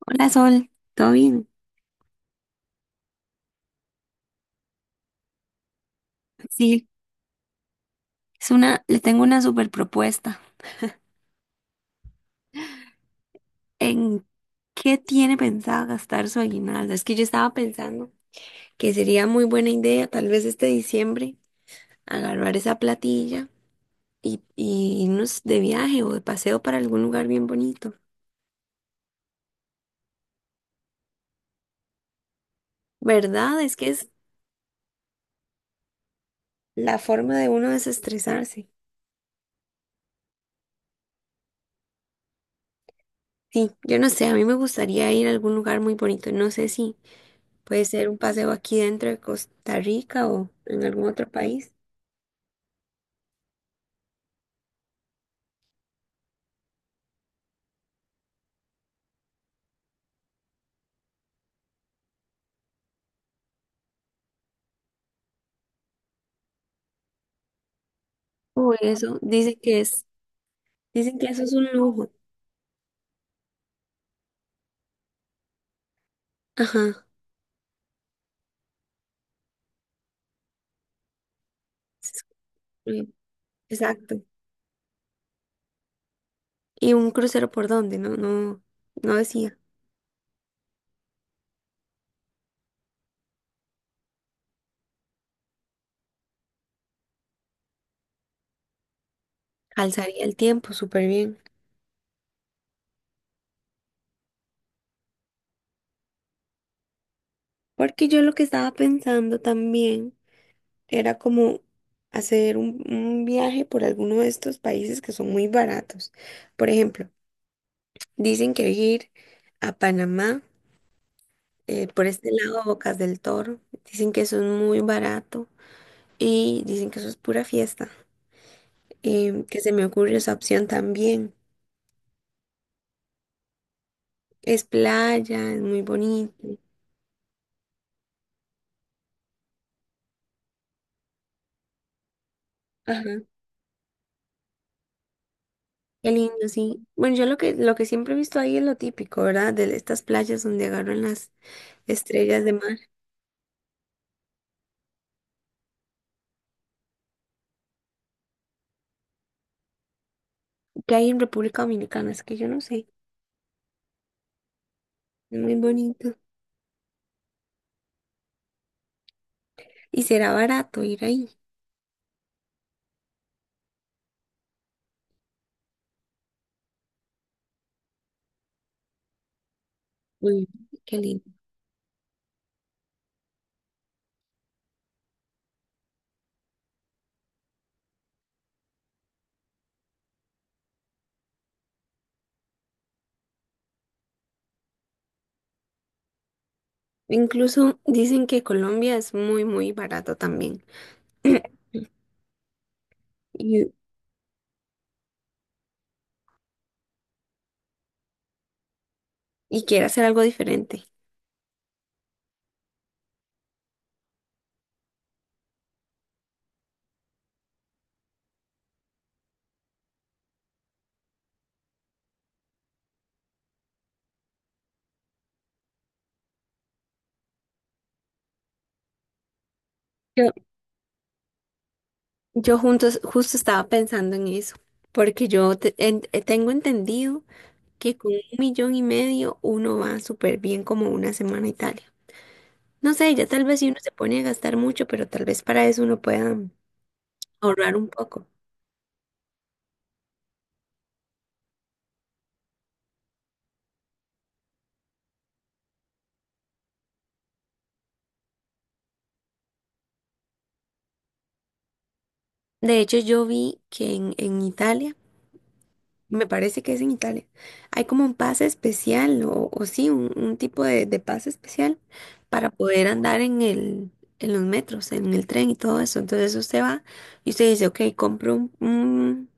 Hola Sol, ¿todo bien? Sí, es una, le tengo una super propuesta. ¿En qué tiene pensado gastar su aguinaldo? Es que yo estaba pensando que sería muy buena idea, tal vez este diciembre, agarrar esa platilla y irnos de viaje o de paseo para algún lugar bien bonito. ¿Verdad? Es que es la forma de uno desestresarse. Sí, yo no sé, a mí me gustaría ir a algún lugar muy bonito. No sé si puede ser un paseo aquí dentro de Costa Rica o en algún otro país. Uy, eso, dicen que es, dicen que eso es un lujo. Ajá, sí, exacto. ¿Y un crucero por dónde? No, no, no decía. Alzaría el tiempo súper bien. Porque yo lo que estaba pensando también era como hacer un viaje por alguno de estos países que son muy baratos. Por ejemplo, dicen que ir a Panamá, por este lado, Bocas del Toro, dicen que eso es muy barato y dicen que eso es pura fiesta. Que se me ocurre esa opción también. Es playa, es muy bonito. Ajá, qué lindo, sí. Bueno, yo lo que siempre he visto ahí es lo típico, ¿verdad? De estas playas donde agarran las estrellas de mar que hay en República Dominicana, es que yo no sé, es muy bonito. Y será barato ir ahí. Uy, qué lindo. Incluso dicen que Colombia es muy, muy barato también. Y, y quiere hacer algo diferente. Yo, Justo estaba pensando en eso, porque tengo entendido que con 1.500.000 uno va súper bien como una semana a Italia. No sé, ya tal vez si uno se pone a gastar mucho, pero tal vez para eso uno pueda ahorrar un poco. De hecho, yo vi que en Italia me parece que es en Italia. Hay como un pase especial o sí, un tipo de pase especial para poder andar en el, en los metros, en el tren y todo eso. Entonces usted va y usted dice, ok, compro un, un,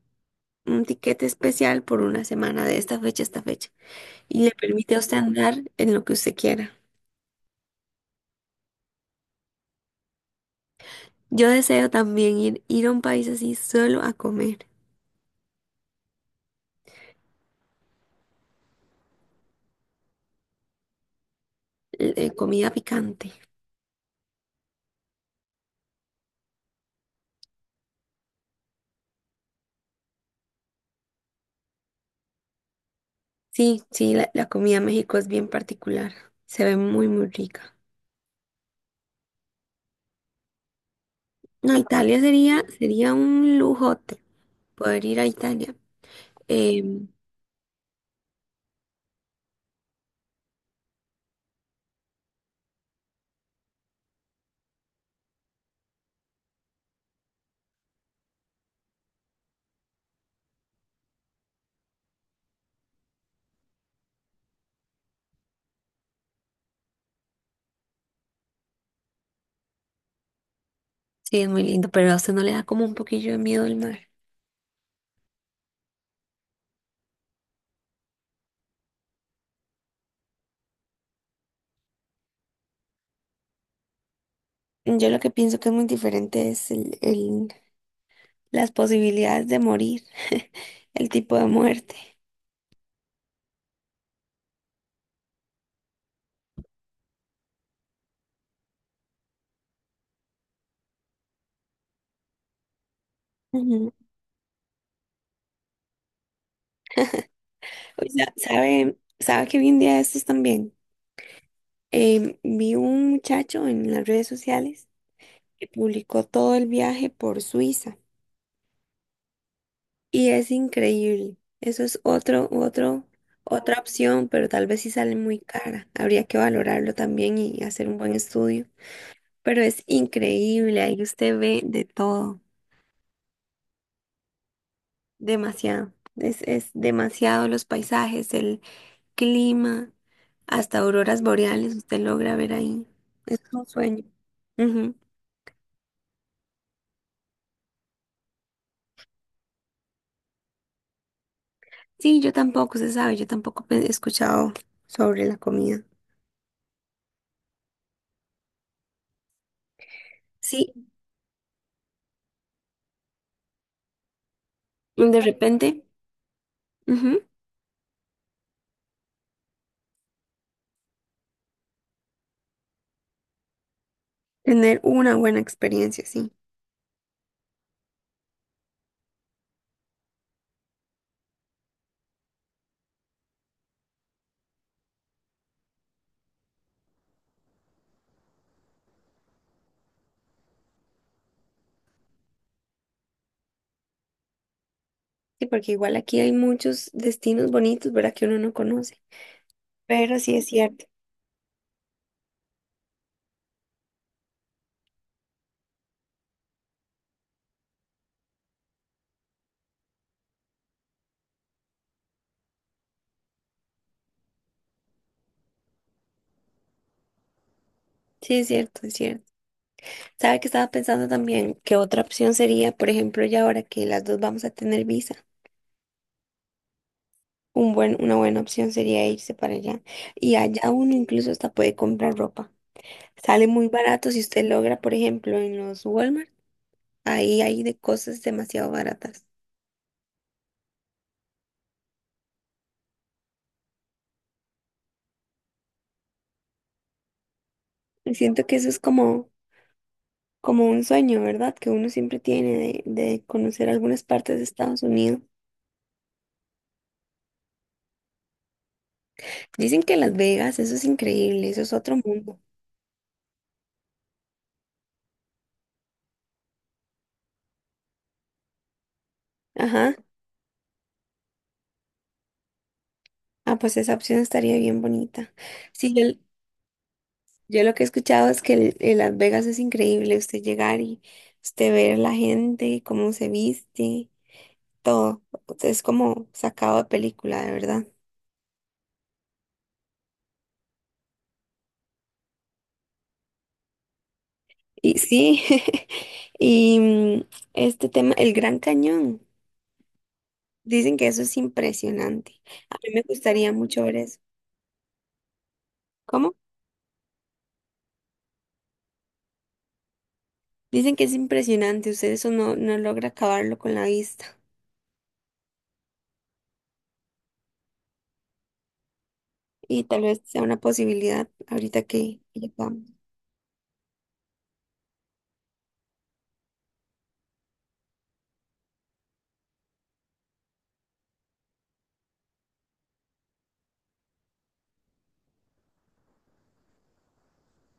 un tiquete especial por una semana de esta fecha a esta fecha. Y le permite a usted andar en lo que usted quiera. Yo deseo también ir a un país así solo a comer comida picante. Sí, sí, la comida en México es bien particular. Se ve muy, muy rica. No, sería un lujote poder ir a Italia. Em, sí, es muy lindo, pero a usted no le da como un poquillo de miedo el mar. Yo lo que pienso que es muy diferente es las posibilidades de morir, el tipo de muerte. Ujú. O sea, ¿ sabe que vi un día de estos también? Vi un muchacho en las redes sociales que publicó todo el viaje por Suiza. Y es increíble. Eso es otra opción, pero tal vez sí sale muy cara. Habría que valorarlo también y hacer un buen estudio. Pero es increíble, ahí usted ve de todo, demasiado. Es demasiado los paisajes, el clima, hasta auroras boreales usted logra ver ahí. Es un sueño. Ujú. Sí, yo tampoco, se sabe, yo tampoco he escuchado sobre la comida. Sí, de repente. Ujú. Tener una buena experiencia, sí. Sí, porque igual aquí hay muchos destinos bonitos, ¿verdad? Que uno no conoce. Pero sí es cierto. Sí, es cierto, es cierto. ¿Sabe que estaba pensando también que otra opción sería, por ejemplo, ya ahora que las dos vamos a tener visa, una buena opción sería irse para allá? Y allá uno incluso hasta puede comprar ropa. Sale muy barato si usted logra, por ejemplo, en los Walmart, ahí hay de cosas demasiado baratas. Y siento que eso es como un sueño, ¿verdad? Que uno siempre tiene de conocer algunas partes de Estados Unidos. Dicen que Las Vegas, eso es increíble, eso es otro mundo. Ajá. Ah, pues esa opción estaría bien bonita. Sí, yo, yo lo que he escuchado es que el Las Vegas es increíble, usted llegar y usted ver la gente, cómo se viste, todo. Es como sacado de película, de verdad. Y sí, y mm, este tema, el Gran Cañón. Dicen que eso es impresionante. A mí me gustaría mucho ver eso. ¿Cómo? Dicen que es impresionante. Usted eso no, no logra acabarlo con la vista. Y tal vez sea una posibilidad ahorita que llegamos.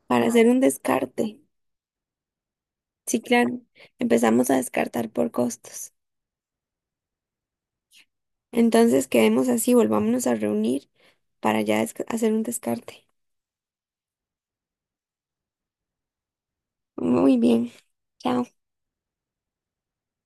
Para hacer un descarte. Sí, claro. Empezamos a descartar por costos. Entonces quedemos así, volvámonos a reunir para ya hacer un descarte. Muy bien. Chao.